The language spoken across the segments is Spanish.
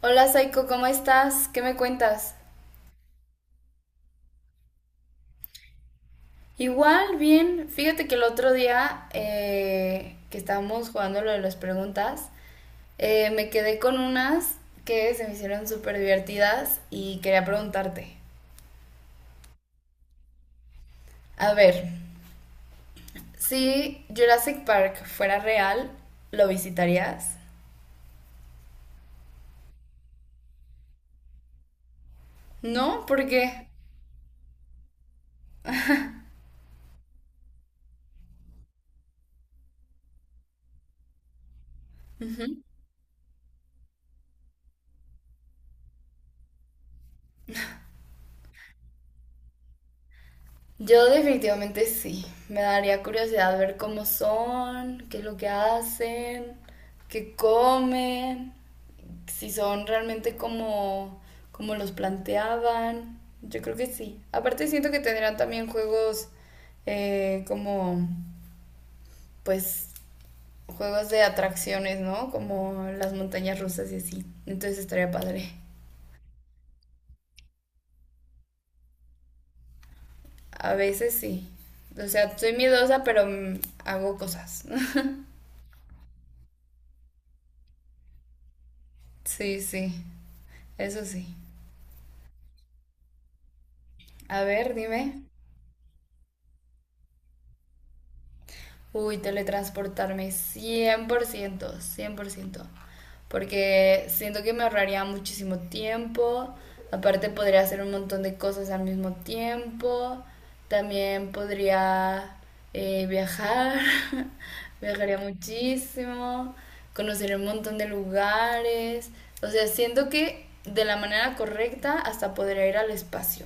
Hola Saiko, ¿cómo estás? ¿Qué me cuentas? Igual, bien. Fíjate que el otro día que estábamos jugando lo de las preguntas, me quedé con unas que se me hicieron súper divertidas y quería preguntarte. A ver, si Jurassic Park fuera real, ¿lo visitarías? No, porque yo definitivamente sí. Me daría curiosidad ver cómo son, qué es lo que hacen, qué comen. Si son realmente como los planteaban. Yo creo que sí. Aparte siento que tendrán también juegos como, pues, juegos de atracciones, ¿no? Como las montañas rusas y así. Entonces estaría padre. A veces sí. O sea, soy miedosa, pero hago cosas. Sí, sí. Eso sí. A ver, dime. Uy, teletransportarme cien por ciento, 100%. Porque siento que me ahorraría muchísimo tiempo. Aparte podría hacer un montón de cosas al mismo tiempo. También podría viajar. Viajaría muchísimo. Conocer un montón de lugares. O sea, siento que de la manera correcta hasta podría ir al espacio.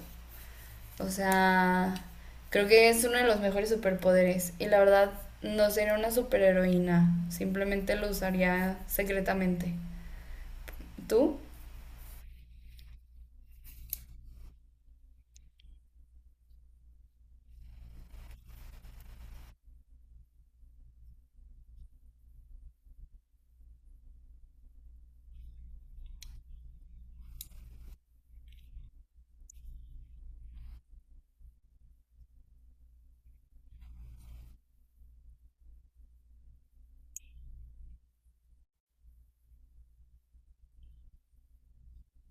O sea, creo que es uno de los mejores superpoderes. Y la verdad, no sería una superheroína. Simplemente lo usaría secretamente. ¿Tú?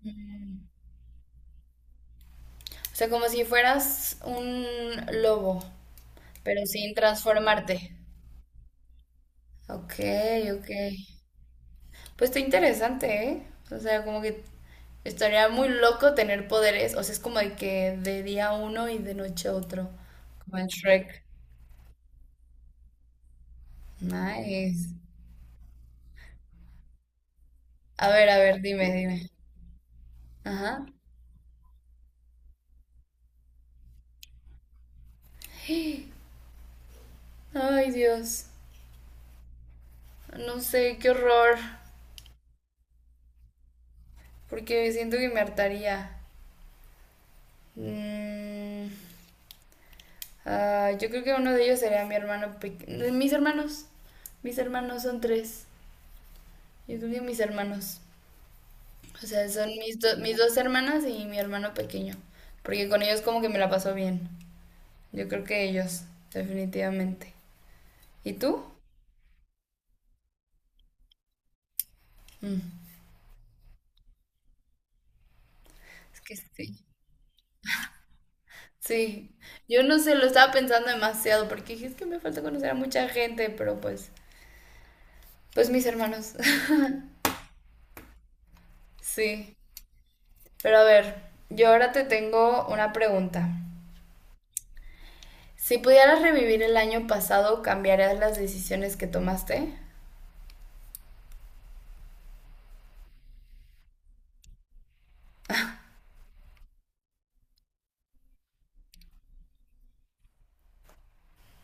Mm. O sea, como si fueras un lobo, pero sin transformarte. Ok, ok. Pues está interesante, ¿eh? O sea, como que estaría muy loco tener poderes. O sea, es como de que de día uno y de noche otro. Como en Shrek. Nice. A ver, dime, dime. Ajá. Ay, Dios. No sé, qué horror. Porque siento que me hartaría. Mm, yo creo que uno de ellos sería mi hermano pequeño. Mis hermanos. Mis hermanos son tres. Yo creo que mis hermanos. O sea, son mis, mis dos hermanas y mi hermano pequeño. Porque con ellos como que me la paso bien. Yo creo que ellos, definitivamente. ¿Y tú? Mm, es que sí. Sí, yo no sé, lo estaba pensando demasiado porque dije, es que me falta conocer a mucha gente, pero pues, mis hermanos. Sí, pero a ver, yo ahora te tengo una pregunta. Si pudieras revivir el año pasado, ¿cambiarías las decisiones que tomaste?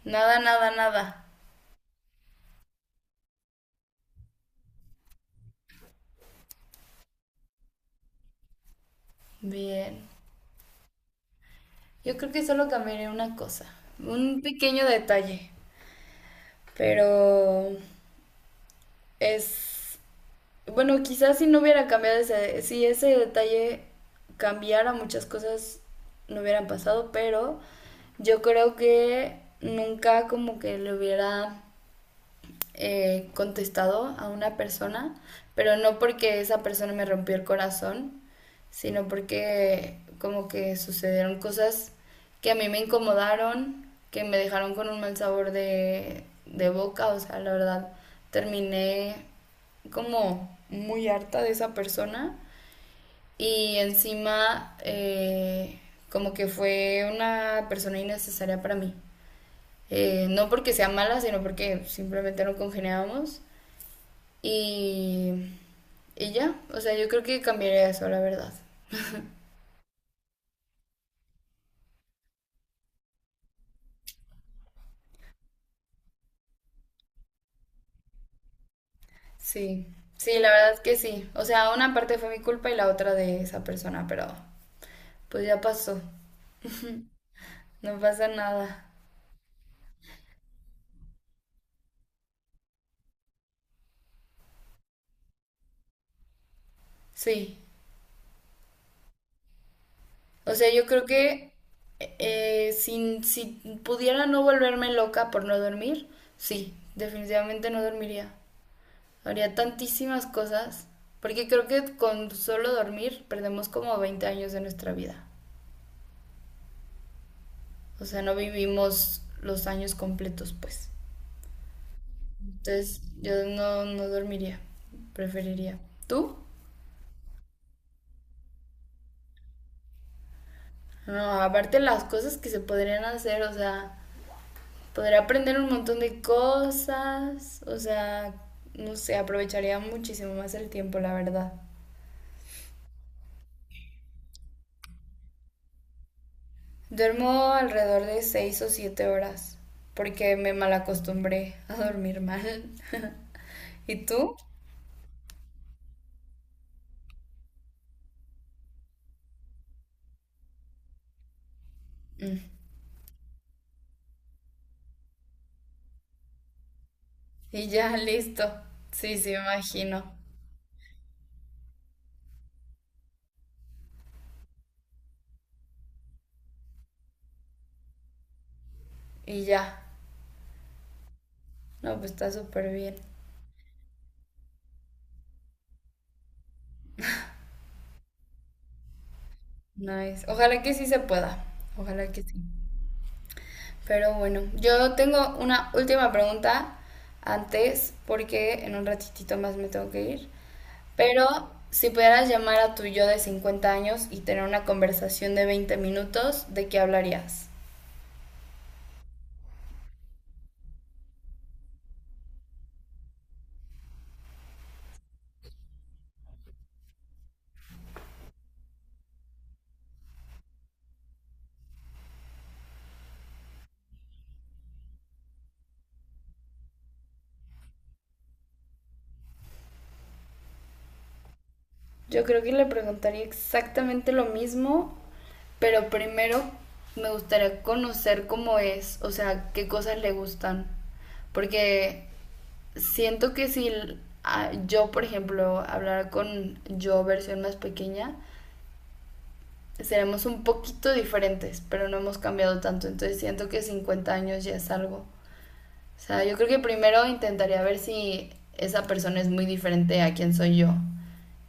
Nada, nada, nada. Bien. Yo creo que solo cambiaría una cosa, un pequeño detalle, pero es Bueno, quizás si no hubiera cambiado ese, si ese detalle cambiara muchas cosas no hubieran pasado, pero yo creo que nunca como que le hubiera contestado a una persona, pero no porque esa persona me rompió el corazón, sino porque como que sucedieron cosas que a mí me incomodaron, que me dejaron con un mal sabor de boca, o sea, la verdad, terminé como muy harta de esa persona y encima como que fue una persona innecesaria para mí. No porque sea mala, sino porque simplemente no congeniábamos. Y, y ya, o sea, yo creo que cambiaría eso, la verdad. Sí, sí, la verdad que sí. O sea, una parte fue mi culpa y la otra de esa persona, pero pues ya pasó, no pasa nada. Sí, o sea, yo creo que si pudiera no volverme loca por no dormir, sí, definitivamente no dormiría. Haría tantísimas cosas, porque creo que con solo dormir perdemos como 20 años de nuestra vida. O sea, no vivimos los años completos, pues. Entonces, yo no dormiría, preferiría. ¿Tú? No, aparte las cosas que se podrían hacer, o sea, podría aprender un montón de cosas, o sea, no sé, aprovecharía muchísimo más el tiempo, la verdad. Duermo alrededor de 6 o 7 horas, porque me malacostumbré a dormir mal. ¿Y tú? Mm. Y ya, listo. Sí, sí, imagino. Y ya. No, pues está súper bien. Nice. Ojalá que sí se pueda. Ojalá que sí. Pero bueno, yo tengo una última pregunta antes, porque en un ratitito más me tengo que ir. Pero si pudieras llamar a tu yo de 50 años y tener una conversación de 20 minutos, ¿de qué hablarías? Yo creo que le preguntaría exactamente lo mismo, pero primero me gustaría conocer cómo es, o sea, qué cosas le gustan. Porque siento que si yo, por ejemplo, hablara con yo versión más pequeña, seremos un poquito diferentes, pero no hemos cambiado tanto. Entonces siento que 50 años ya es algo. O sea, yo creo que primero intentaría ver si esa persona es muy diferente a quien soy yo.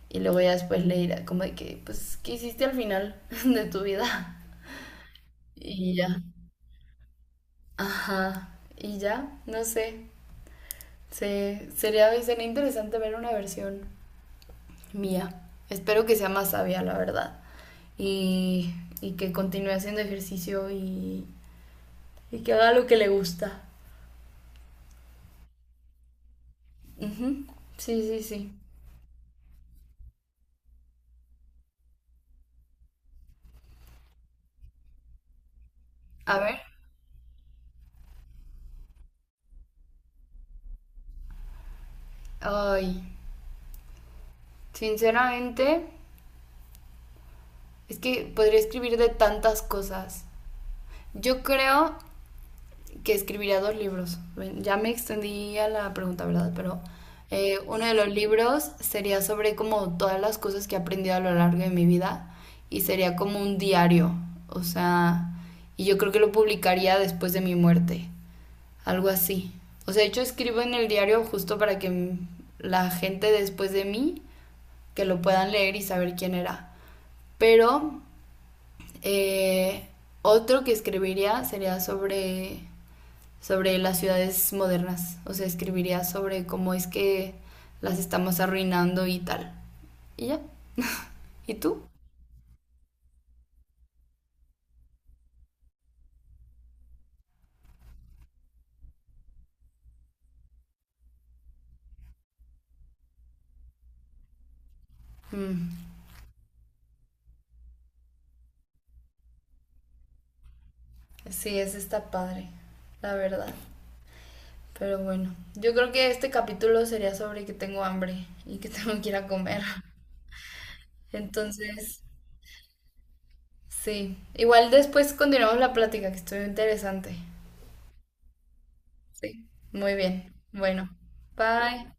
Y luego ya después le dirá como de que, pues, ¿qué hiciste al final de tu vida? Y ya. Ajá. Y ya, no sé. Sería interesante ver una versión mía. Espero que sea más sabia, la verdad. Y, y que continúe haciendo ejercicio y que haga lo que le gusta. Ujú. Sí, sí, sí. A ver. Ay, sinceramente, es que podría escribir de tantas cosas. Yo creo que escribiría dos libros. Ya me extendí a la pregunta, ¿verdad? Pero uno de los libros sería sobre como todas las cosas que he aprendido a lo largo de mi vida y sería como un diario, o sea, y yo creo que lo publicaría después de mi muerte, algo así. O sea, de hecho escribo en el diario justo para que la gente después de mí que lo puedan leer y saber quién era. Pero eh, otro que escribiría sería sobre las ciudades modernas. O sea, escribiría sobre cómo es que las estamos arruinando y tal. Y ya. ¿Y tú? Mm, sí, ese está padre, la verdad. Pero bueno, yo creo que este capítulo sería sobre que tengo hambre y que tengo que ir a comer. Entonces, sí. Igual después continuamos la plática, que estuvo interesante. Sí. Muy bien. Bueno, bye.